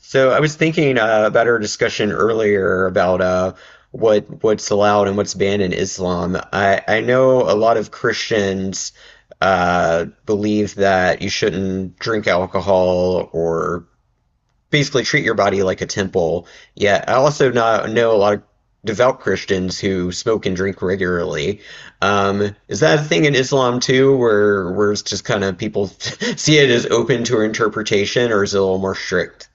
So I was thinking about our discussion earlier about what's allowed and what's banned in Islam. I know a lot of Christians believe that you shouldn't drink alcohol or basically treat your body like a temple. Yet I also not know a lot of devout Christians who smoke and drink regularly. Is that a thing in Islam too, where it's just kind of people see it as open to interpretation, or is it a little more strict?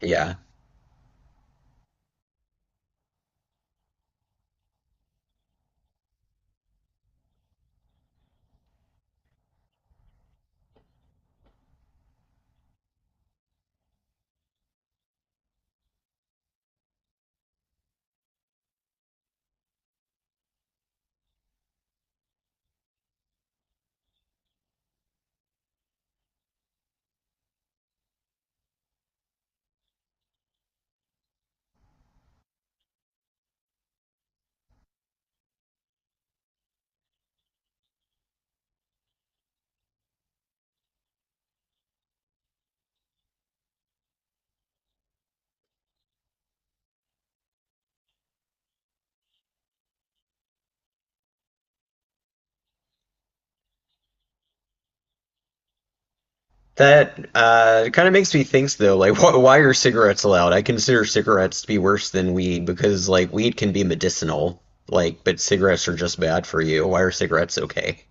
Yeah. That kind of makes me think, though, like, wh why are cigarettes allowed? I consider cigarettes to be worse than weed because, like, weed can be medicinal, like, but cigarettes are just bad for you. Why are cigarettes okay?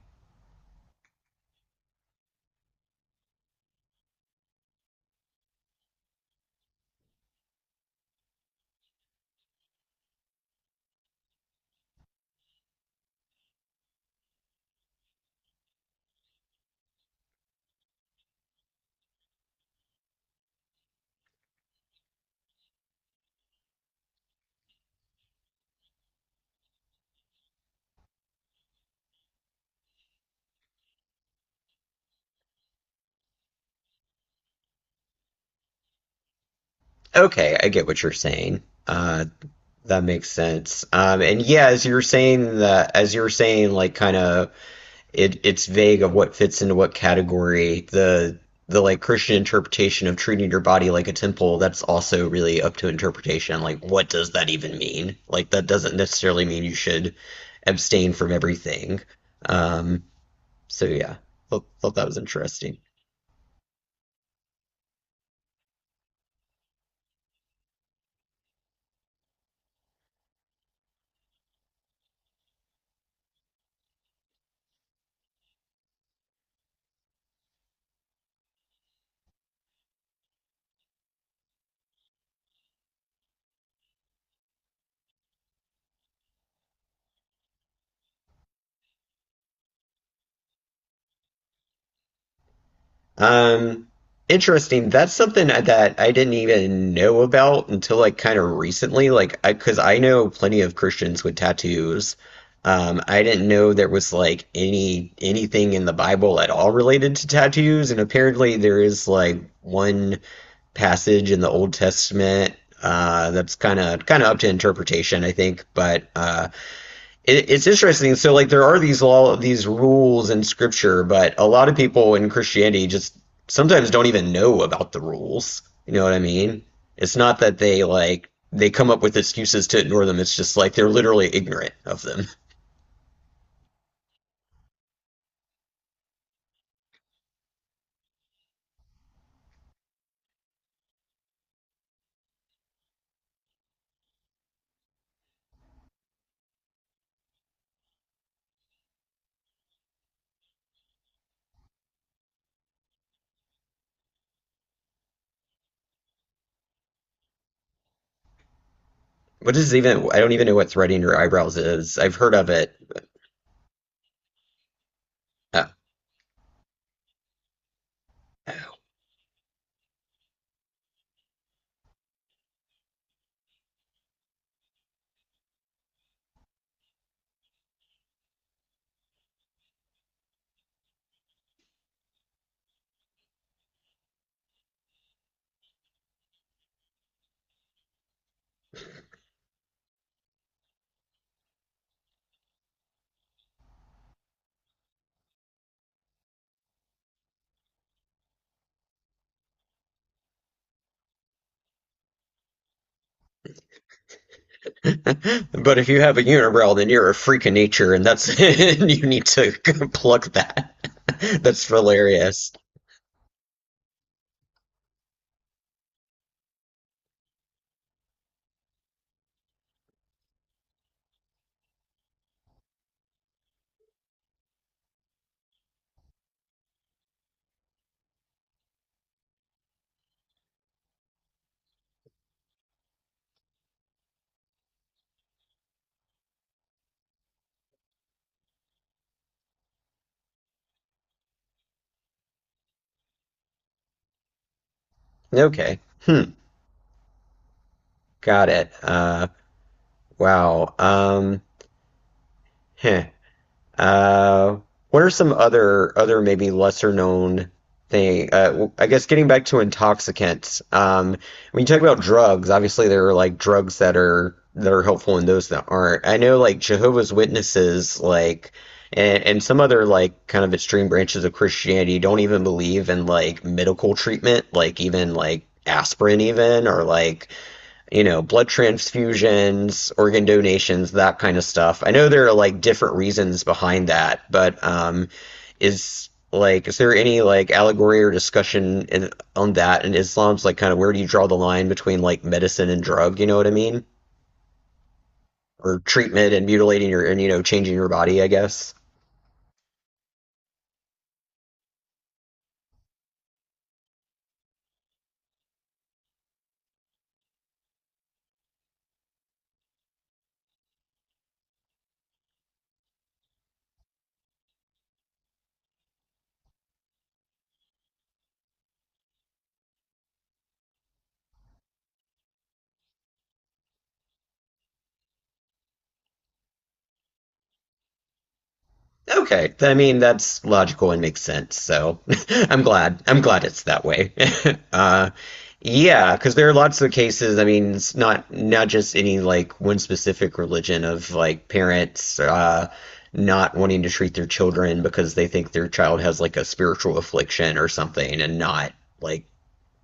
Okay, I get what you're saying. That makes sense. And yeah, as you were saying that, as you were saying, like, kind of it's vague of what fits into what category. The like Christian interpretation of treating your body like a temple, that's also really up to interpretation. Like what does that even mean? Like that doesn't necessarily mean you should abstain from everything. Um so yeah. Thought that was interesting. Um, Interesting. That's something that I didn't even know about until like kind of recently. Like, I, because I know plenty of Christians with tattoos. I didn't know there was like anything in the Bible at all related to tattoos, and apparently there is like one passage in the Old Testament that's kind of up to interpretation, I think. But it's interesting. So, like, there are these rules in scripture, but a lot of people in Christianity just sometimes don't even know about the rules. You know what I mean? It's not that they like they come up with excuses to ignore them. It's just like they're literally ignorant of them. What is even? I don't even know what threading your eyebrows is. I've heard of it. Uh, But if you have a unibrow, then you're a freak of nature, and that's and you need to pluck that. That's hilarious. Okay. Hmm. Got it. Wow. Heh. Uh, what are some other maybe lesser known thing? I guess getting back to intoxicants. When you talk about drugs, obviously there are like drugs that are helpful and those that aren't. I know like Jehovah's Witnesses, like and some other like kind of extreme branches of Christianity don't even believe in like medical treatment, like even like aspirin even or like you know, blood transfusions, organ donations, that kind of stuff. I know there are like different reasons behind that, but is like is there any like allegory or discussion on that in Islam's like kind of where do you draw the line between like medicine and drug, you know what I mean? Or treatment and mutilating your and you know changing your body, I guess. Okay, I mean that's logical and makes sense. So I'm glad. I'm glad it's that way. uh, yeah, because there are lots of cases. I mean, it's not just any like one specific religion of like parents not wanting to treat their children because they think their child has like a spiritual affliction or something, and not like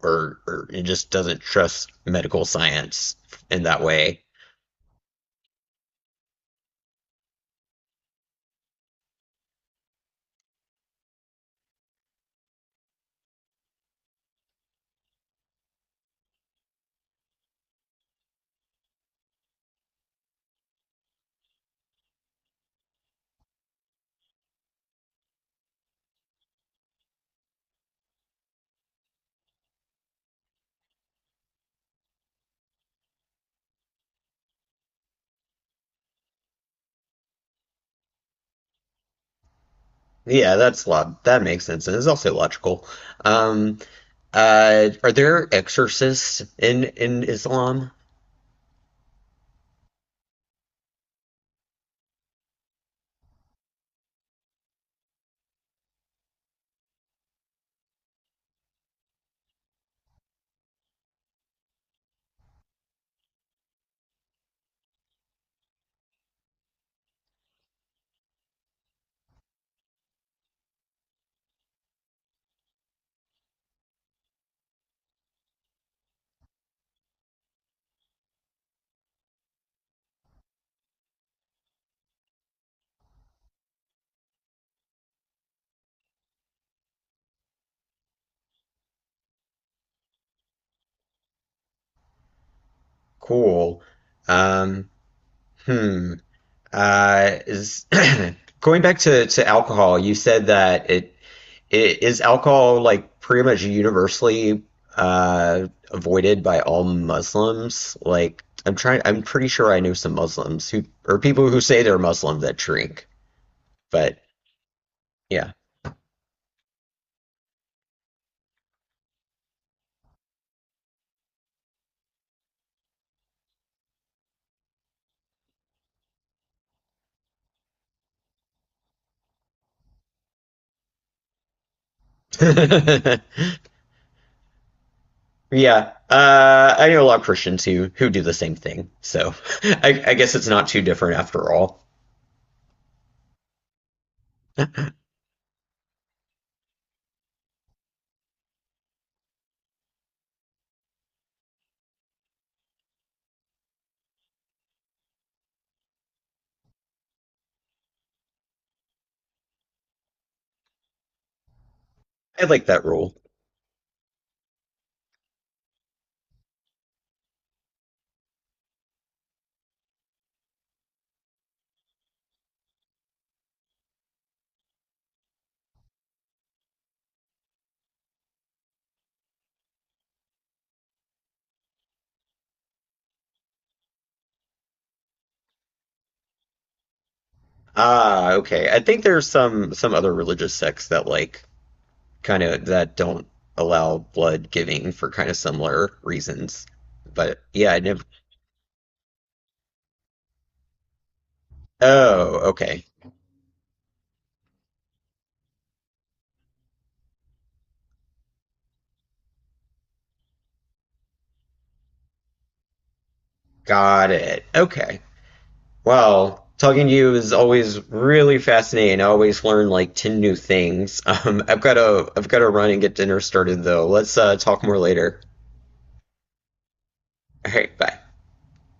or it just doesn't trust medical science in that way. Yeah, that makes sense, and it's also logical. Um, are there exorcists in Islam? Cool. Um, hmm. Is going back to alcohol, you said that it is alcohol like pretty much universally avoided by all Muslims? Like I'm pretty sure I know some Muslims who or people who say they're Muslim that drink. But yeah. Yeah, I know a lot of Christians who do the same thing, so I guess it's not too different after all. I like that rule. Ah, okay. I think there's some other religious sects that like kind of that don't allow blood giving for kind of similar reasons. But yeah, I never. Oh, okay. Got it. Okay. Well, talking to you is always really fascinating. I always learn like 10 new things. I've got to run and get dinner started though. Let's talk more later. All right, bye.